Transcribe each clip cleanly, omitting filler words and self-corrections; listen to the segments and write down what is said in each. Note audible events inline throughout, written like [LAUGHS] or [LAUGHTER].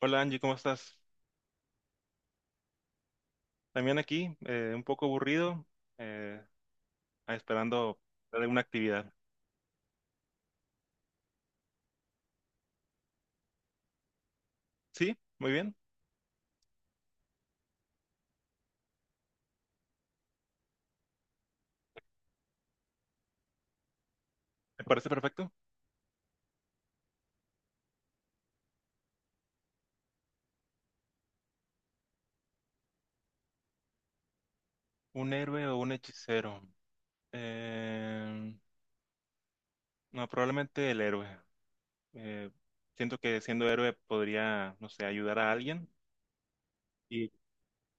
Hola Angie, ¿cómo estás? También aquí, un poco aburrido, eh, esperando de una actividad. Sí, muy bien, me parece perfecto. ¿Un héroe o un hechicero? Eh, no, probablemente el héroe. Eh, siento que siendo héroe podría, no sé, ayudar a alguien, y,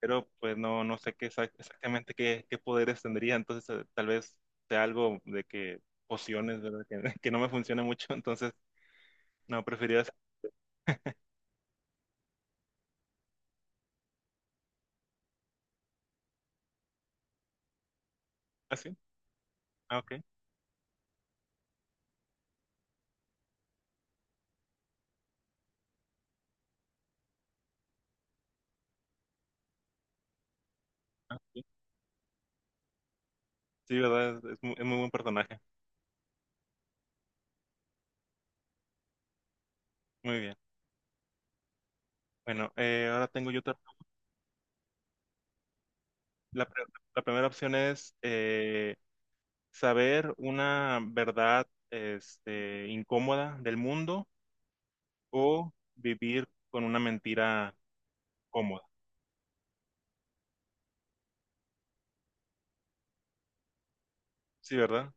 pero pues no, no sé qué exactamente qué, qué poderes tendría, entonces tal vez sea algo de que pociones, ¿verdad? [LAUGHS] Que no me funciona mucho, entonces no, preferiría... ¿Así? Ah, ok. Ah. Sí, ¿verdad? Es, es muy buen personaje. Muy bien. Bueno, ahora tengo yo otra. La, pre- la primera opción es saber una verdad este, incómoda del mundo o vivir con una mentira cómoda. Sí, ¿verdad?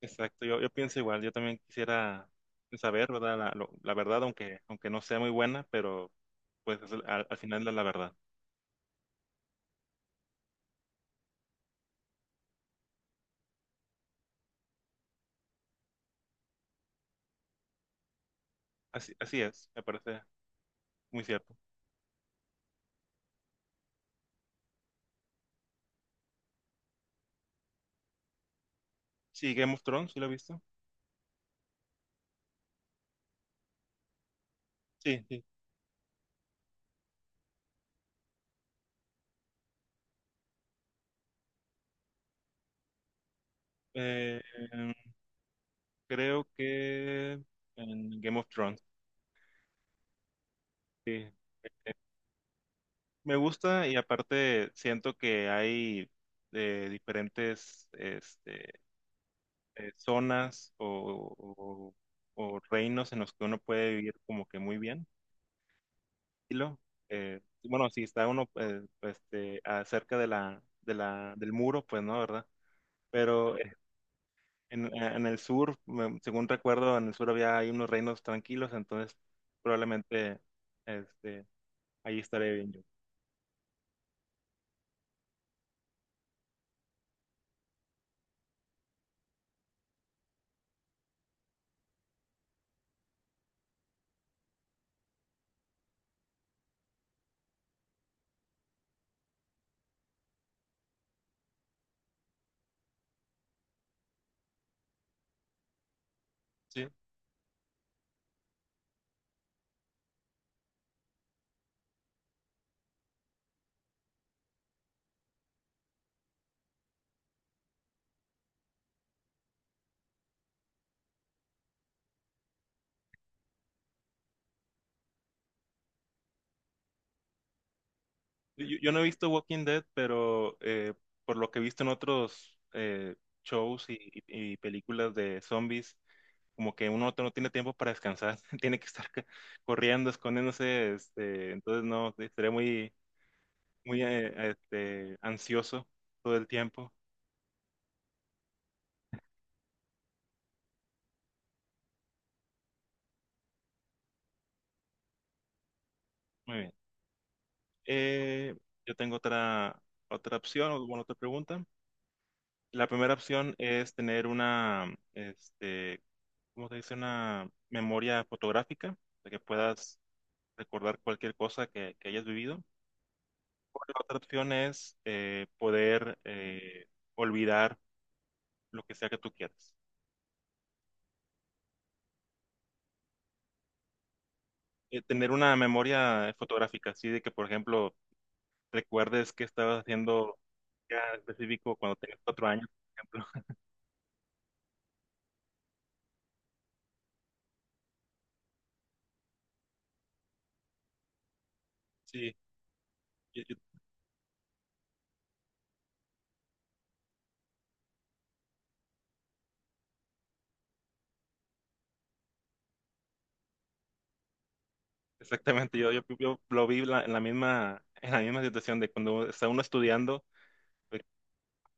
Exacto. Yo pienso igual. Yo también quisiera saber, ¿verdad? La verdad, aunque no sea muy buena, pero pues al, al final es la verdad. Así, así es, me parece muy cierto. Sí, Game of Thrones, ¿sí lo he visto? Sí, sí. Eh, em, creo que en Game of Thrones, sí. Eh, me gusta y aparte siento que hay diferentes este, zonas o reinos en los que uno puede vivir como que muy bien, tranquilo. Bueno, si está uno este, cerca de del muro, pues no, ¿verdad? Pero en el sur, según recuerdo, en el sur había hay unos reinos tranquilos, entonces probablemente... este, ahí estaré bien yo. Sí. Yo no he visto Walking Dead, pero por lo que he visto en otros shows y películas de zombies, como que uno no tiene tiempo para descansar, [LAUGHS] tiene que estar corriendo, escondiéndose, este, entonces no, estaré muy, muy este, ansioso todo el tiempo. Muy bien. Eh, yo tengo otra, otra opción, o bueno, otra pregunta. La primera opción es tener una, este, como se dice, una memoria fotográfica, de que puedas recordar cualquier cosa que hayas vivido. O la otra opción es poder olvidar lo que sea que tú quieras. Tener una memoria fotográfica, así de que, por ejemplo, recuerdes qué estabas haciendo ya en específico cuando tenías cuatro años, por ejemplo. [LAUGHS] Sí, yo- yo- exactamente. Yo lo vi en la misma situación de cuando está uno estudiando.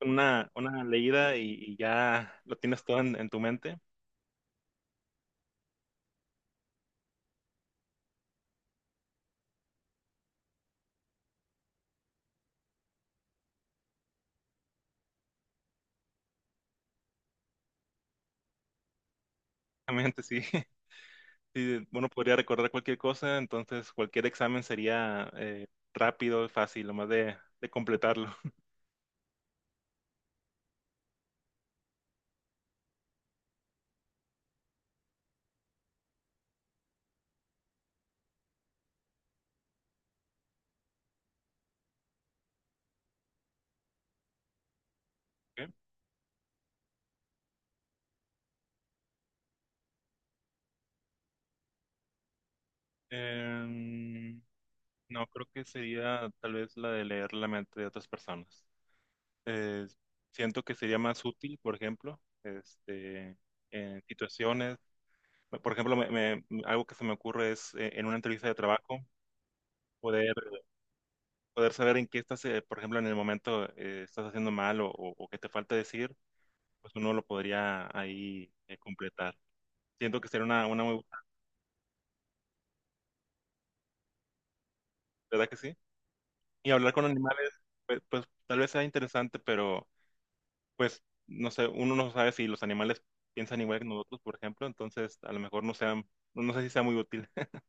Una leída y ya lo tienes todo en tu mente. Realmente sí, [LAUGHS] sí, uno podría recordar cualquier cosa, entonces cualquier examen sería rápido, fácil, lo más de completarlo. [LAUGHS] Ok. Em, no, creo que sería tal vez la de leer la mente de otras personas. Eh, siento que sería más útil, por ejemplo, este, en situaciones, por ejemplo, algo que se me ocurre es en una entrevista de trabajo poder poder saber en qué estás, por ejemplo, en el momento estás haciendo mal o que te falta decir, pues uno lo podría ahí completar. Siento que sería una muy buena, ¿verdad que sí? Y hablar con animales, pues, pues, tal vez sea interesante, pero pues no sé, uno no sabe si los animales piensan igual que nosotros, por ejemplo, entonces a lo mejor no sea, no sé si sea muy útil. [LAUGHS]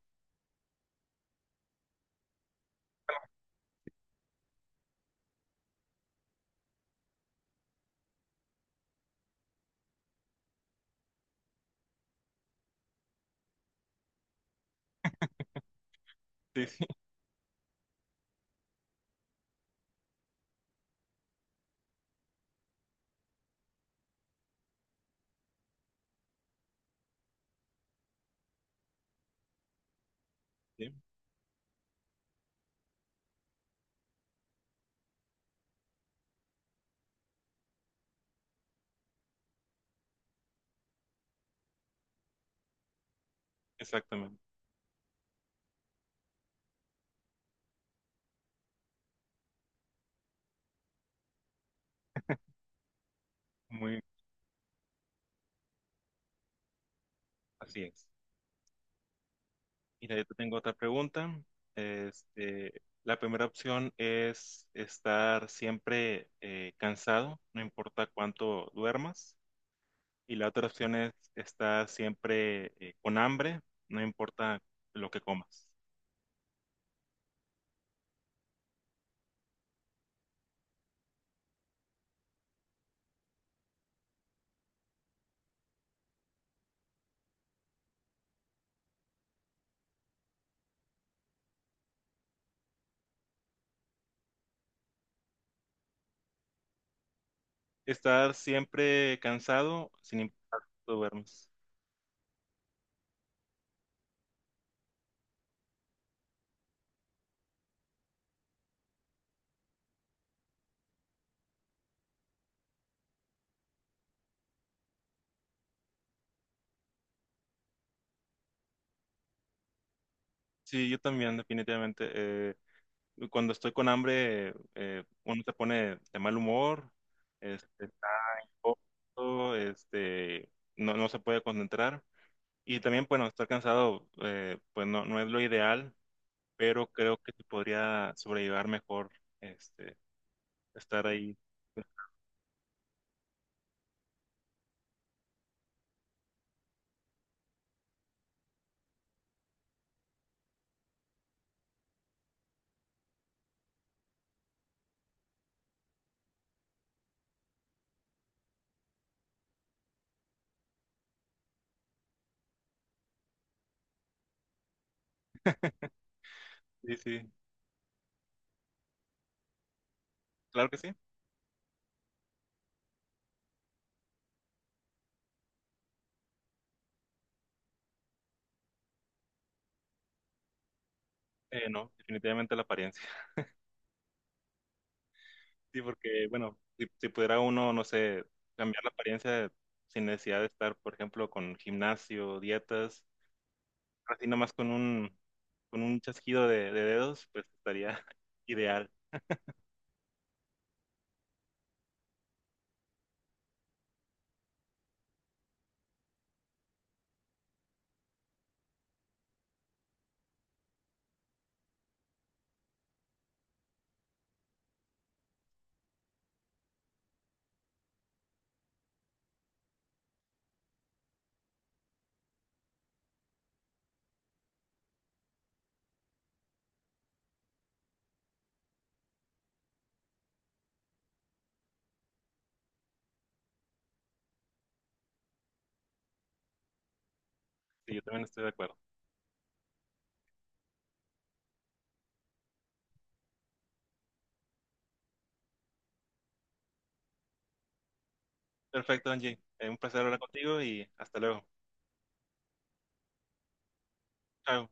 Sí, sí, sí, exactamente. Muy, así es. Mira, yo te tengo otra pregunta. Este, la primera opción es estar siempre cansado, no importa cuánto duermas. Y la otra opción es estar siempre con hambre, no importa lo que comas. Estar siempre cansado, sin importar cuánto duermas. Sí, yo también, definitivamente. Cuando estoy con hambre, uno se pone de mal humor, este, está corto, este, no, no se puede concentrar. Y también, bueno, estar cansado, pues no, no es lo ideal, pero creo que se podría sobrellevar mejor este, estar ahí. Sí, sí, claro que sí. No, definitivamente la apariencia. [LAUGHS] Sí, porque, bueno, si pudiera uno, no sé, cambiar la apariencia sin necesidad de estar, por ejemplo, con gimnasio, dietas, así nomás con un chasquido de dedos, pues estaría [LAUGHS] ideal. Sí, yo también estoy de acuerdo. Perfecto, Angie. Un placer hablar contigo y hasta luego. Chao.